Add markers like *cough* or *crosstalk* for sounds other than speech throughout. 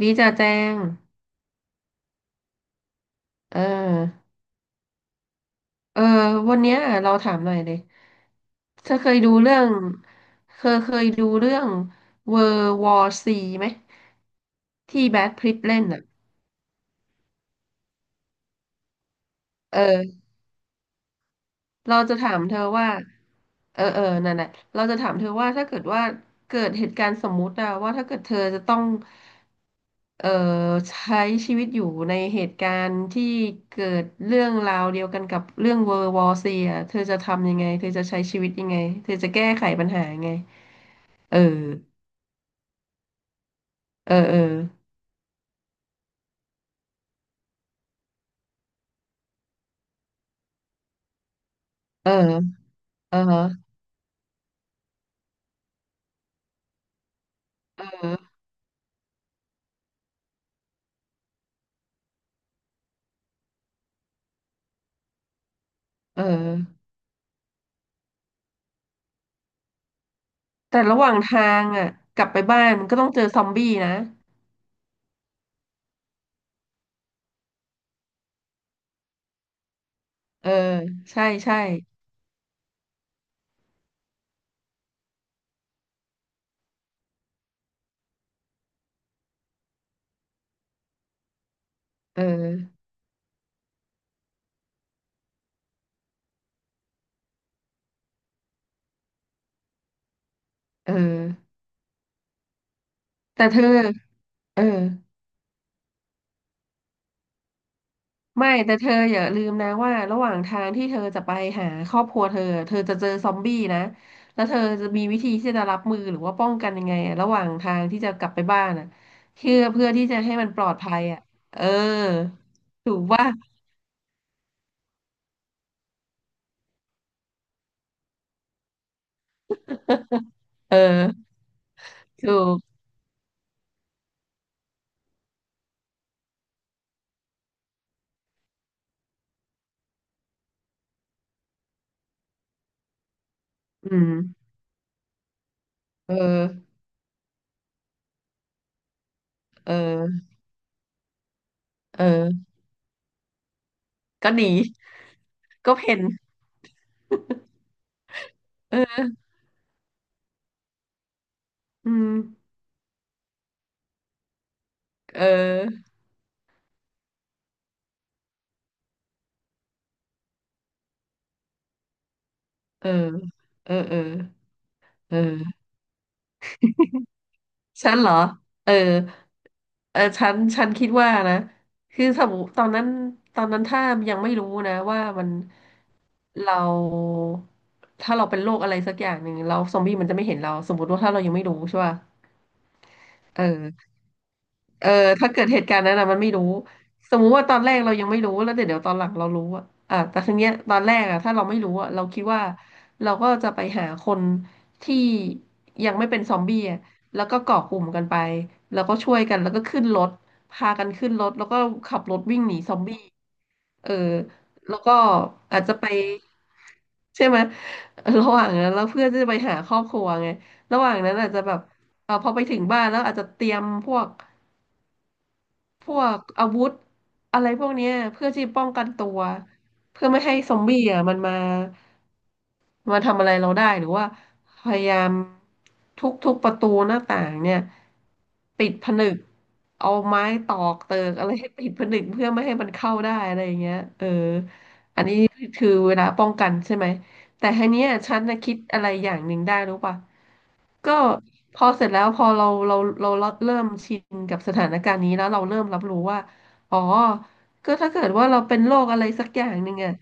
ดีจ่าแจงเออเออวันเนี้ยเราถามหน่อยเลย เธอเคยดูเรื่องเคยดูเรื่อง World War C ไหมที่แบทพิตต์เล่นอ่ะเออ เราจะถามเธอว่าเออเออนั่นแหละเราจะถามเธอว่าถ้าเกิดว่าเกิดเหตุการณ์สมมุติอะว่าถ้าเกิดเธอจะต้องเอ่อใช้ชีวิตอยู่ในเหตุการณ์ที่เกิดเรื่องราวเดียวกันกับเรื่องเวอร์วอซีอะเธอจะทำยังไงเธอจะใช้ชีวิตยังไงเธอจะแก้ไขปัญหายังไงเออเออเออเออเออเออเออแต่ระหว่างทางอ่ะกลับไปบ้านมันก็ต้องเจอซอมบี้นะเออใช่ใช่เออ เออแต่เธอเออไม่แต่เธออย่าลืมนะว่าระหว่างทางที่เธอจะไปหาครอบครัวเธอเธอจะเจอซอมบี้นะแล้วเธอจะมีวิธีที่จะรับมือหรือว่าป้องกันยังไงอะระหว่างทางที่จะกลับไปบ้านอ่ะเพื่อที่จะให้มันปลอดภัยอ่ะเออถูกว่าเออถูกอืมเออเออเออก็หนีก็เพ่นเอออืมเออเออเออเออเออ ฉันเหรอเออเออฉันคิดว่านะคือสมมติตอนนั้นตอนนั้นถ้ายังไม่รู้นะว่ามันเราถ้าเราเป็นโรคอะไรสักอย่างหนึ่งเราซอมบี้มันจะไม่เห็นเรา สมมติว่าถ้าเรายังไม่รู้ใช่ป่ะ เออเออถ้าเกิดเหตุการณ์นั้นอะมันไม่รู้สมมุติว่าตอนแรกเรายังไม่รู้แล้วเดี๋ยวตอนหลังเรารู้อะอ่ะแต่ทีเนี้ยตอนแรกอะถ้าเราไม่รู้อะเราคิดว่าเราก็จะไปหาคนที่ยังไม่เป็นซอมบี้อะแล้วก็เกาะกลุ่มกันไปแล้วก็ช่วยกันแล้วก็ขึ้นรถพากันขึ้นรถแล้วก็ขับรถวิ่งหนีซอมบี้ เออแล้วก็อาจจะไปใช่ไหมระหว่างนั้นแล้วเพื่อนจะไปหาครอบครัวไงระหว่างนั้นอาจจะแบบเออพอไปถึงบ้านแล้วอาจจะเตรียมพวก พวกอาวุธอะไรพวกเนี้ยเพื่อที่ป้องกันตัวเพื่อไม่ให้ซอมบี้อ่ะมันมามาทำอะไรเราได้หรือว่าพยายามทุกประตูหน้าต่างเนี่ยติดผนึกเอาไม้ตอกเติกอะไรให้ติดผนึกเพื่อไม่ให้มันเข้าได้อะไรอย่างเงี้ยเอออันนี้คือเวลาป้องกันใช่ไหม แต่ทีเนี้ยฉันนะคิดอะไรอย่างหนึ่งได้รู้ป่ะก็พอเสร็จแล้วพอเราเราเริ่มชินกับสถานการณ์นี้แล้วเราเริ่มรับรู้ว่าอ๋อก็ถ้าเกิดว่าเราเป็นโรคอะไรสักอย่างหนึ่งอ่ะ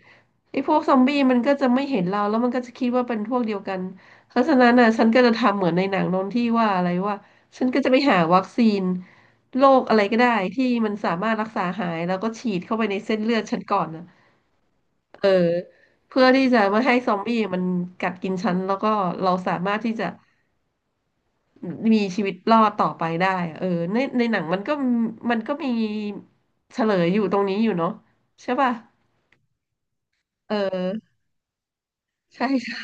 ไอ้พวกซอมบี้มันก็จะไม่เห็นเราแล้วมันก็จะคิดว่าเป็นพวกเดียวกันเพราะฉะนั้นน่ะฉันก็จะทำเหมือนในหนังโน้นที่ว่าอะไรว่าฉันก็จะไปหาวัคซีนโรคอะไรก็ได้ที่มันสามารถรักษาหายแล้วก็ฉีดเข้าไปในเส้นเลือดฉันก่อนนะ เออเพื่อที่จะไม่ให้ซอมบี้มันกัดกินฉันแล้วก็เราสามารถที่จะมีชีวิตรอดต่อไปได้อะเออในหนังมันก็มีเฉลยอยู่ตรงนี้อยู่เนาะใช่ป่ะเออใช่ใช่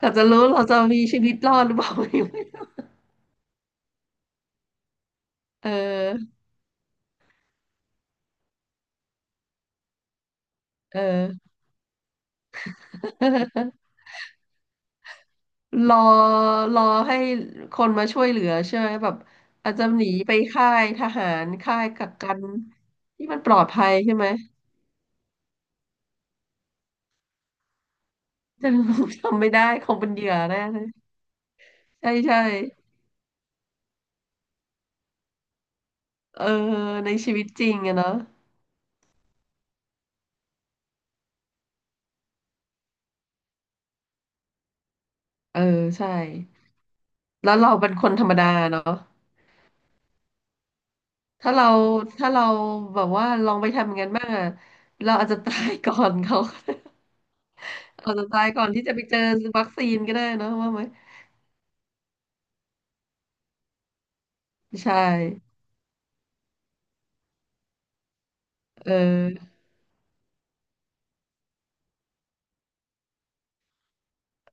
เราจะรู้เราจะมีชีวิตรอดหรือเปล่า *laughs* เออเออ *laughs* รอรอให้คนมาช่วยเหลือใช่ไหมแบบอาจจะหนีไปค่ายทหารค่ายกักกันที่มันปลอดภัยใช่ไหม *laughs* แต่ผมจำไม่ได้คงเป็นเหยื่อแน่เลยใช่ใช่เออในชีวิตจริงอะเนาะเออใช่แล้วเราเป็นคนธรรมดาเนาะถ้าเราถ้าเราแบบว่าลองไปทำอย่างนั้นบ้างอะเราอาจจะตายก่อนเขา *laughs* อาจจะตายก่อนที่จะไปเจอวัคซีนก็ได้เนาะว่าไหมใช่เออ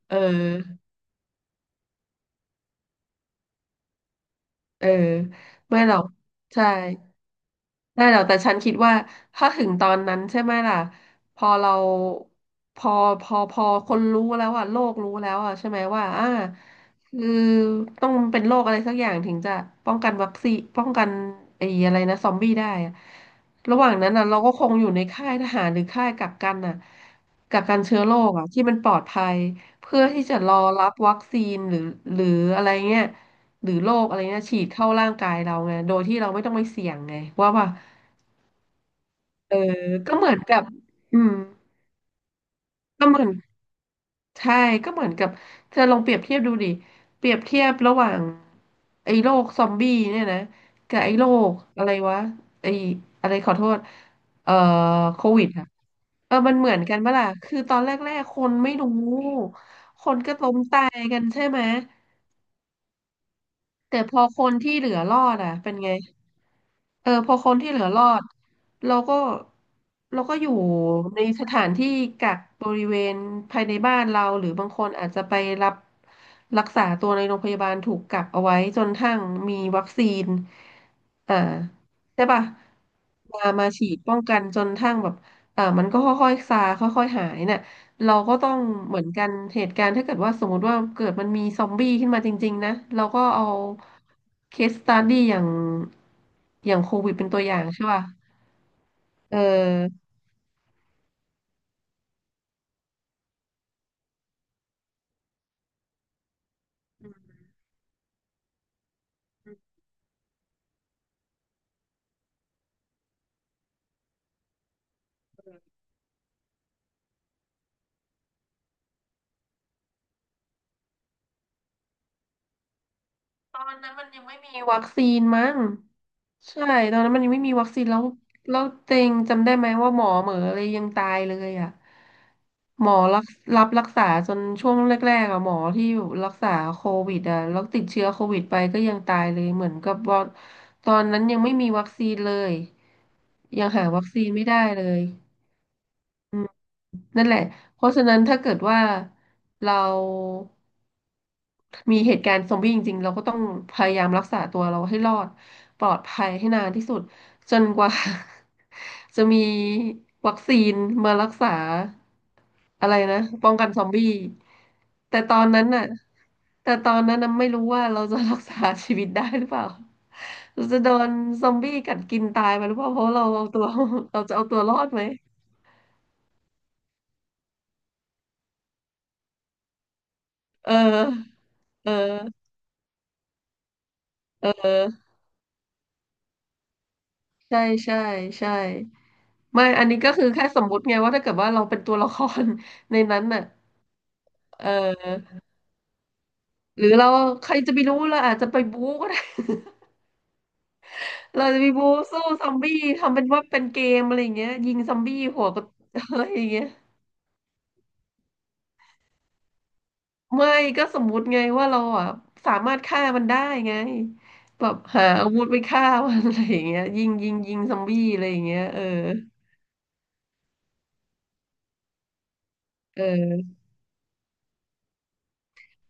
เออเออไม่หรอกใช่ ได้แล้วแต่ฉันคิดว่าถ้าถึงตอนนั้นใช่ไหมล่ะพอเราพอพอคนรู้แล้วอ่ะโลกรู้แล้วอ่ะใช่ไหมว่าอ่าคือต้องเป็นโรคอะไรสักอย่างถึงจะป้องกันวัคซีนป้องกันไอ้อะไรนะซอมบี้ได้อะระหว่างนั้นอ่ะเราก็คงอยู่ในค่ายทหารหรือค่ายกักกันอ่ะกักกันเชื้อโรคอ่ะที่มันปลอดภัยเพื่อที่จะรอรับวัคซีนหรือหรืออะไรเงี้ยหรือโรคอะไรเงี้ยฉีดเข้าร่างกายเราไงโดยที่เราไม่ต้องไปเสี่ยงไงว่า เออก็เหมือนกับอืมก็เหมือนใช่ก็เหมือนกับเธอลองเปรียบเทียบดูดิ เปรียบเทียบระหว่างไอ้โรคซอมบี้เนี่ยนะกับไอ้โรคอะไรวะไอ้อะไรขอโทษเอ่อโควิดอะเออมันเหมือนกันปะล่ะคือตอนแรกๆ คนไม่รู้ คนก็ล้มตายกันใช่ไหม แต่พอคนที่เหลือรอดอ่ะเป็นไงเออพอคนที่เหลือรอดเราก็เราก็อยู่ในสถานที่กักบริเวณภายในบ้านเราหรือบางคนอาจจะไปรับรักษาตัวในโรงพยาบาลถูกกักเอาไว้จนทั้งมีวัคซีนอ่าใช่ป่ะมาฉีดป้องกันจนทั้งแบบเออมันก็ค่อยๆซาค่อยๆหายน่ะ เราก็ต้องเหมือนกันเหตุการณ์ถ้าเกิดว่าสมมติว่าเกิดมันมีซอมบี้ขึ้นมาจริงๆนะเราก็เอาเคสสตัดดี้อย่างอย่างโควิดเป็นตัวอย่างใช่ป่ะเออ ตอนนั้นมันยังไม่มีวัคซีนมั้งใช่ตอนนั้นมันยังไม่มีวัคซีนแล้วแล้วเต็งจำได้ไหมว่าหมอเหมออะไรยังตายเลยอ่ะหมอรักรับรักษาจนช่วงแรกๆอ่ะหมอที่รักษาโควิดอ่ะแล้วติดเชื้อโควิดไปก็ยังตายเลยเหมือนกับว่าตอนนั้นยังไม่มีวัคซีนเลยยังหาวัคซีนไม่ได้เลยอื นั่นแหละ เพราะฉะนั้นถ้าเกิดว่าเรามีเหตุการณ์ซอมบี้จริงๆเราก็ต้องพยายามรักษาตัวเราให้รอดปลอดภัยให้นานที่สุดจนกว่า *laughs* จะมีวัคซีนมารักษาอะไรนะป้องกันซอมบี้แต่ตอนนั้นน่ะแต่ตอนนั้นน่ะไม่รู้ว่าเราจะรักษาชีวิตได้หรือเปล่าเราจะโดนซอมบี้กัดกินตายไปหรือเปล่าเพราะเราเอาตัว *laughs* เราจะเอาตัวรอดไหมเออเออ เออใช่ใช่ใช่ไม่อันนี้ก็คือแค่สมมุติไงว่าถ้าเกิดว่าเราเป็นตัวละคร *laughs* ในนั้นน่ะเออหรือเราใครจะไปรู้เราอาจจะไปบู๊ก็ได้ *laughs* เราจะไปบู๊สู้ซอมบี้ทำเป็นว่าเป็นเกมอะไรอย่างเงี้ยยิงซอมบี้หัวก็ *laughs* อะไรอย่างเงี้ยไม่ก็สมมุติไงว่าเราอ่ะสามารถฆ่ามันได้ไงแบบหาอาวุธไปฆ่ามันอะไรอย่างเงี้ยยิงซอมบี้อะไรอย่างเงี้ยเออเออ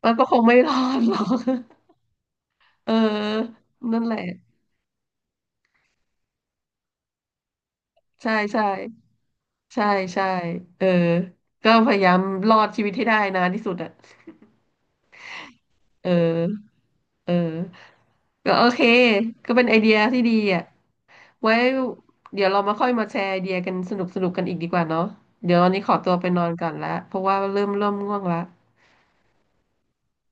มันก็คงไม่รอดหรอก *laughs* เออนั่นแหละ ใช่ใช่ใช่ใช่เออก็พยายามรอดชีวิตให้ได้นานที่สุดอ่ะเออเออก็โอเคก็เป็นไอเดียที่ดีอ่ะไว้เดี๋ยวเรามาค่อยมาแชร์ไอเดียกันสนุกสนุกกันอีกดีกว่าเนาะเดี๋ยววันนี้ขอตัวไปนอนก่อนละเพราะว่าเริ่มง่วงละ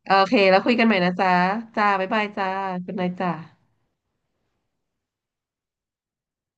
โอเคแล้วคุยกันใหม่นะจ๊ะจ้าบ๊ายบายจ้าคุณนายจ้า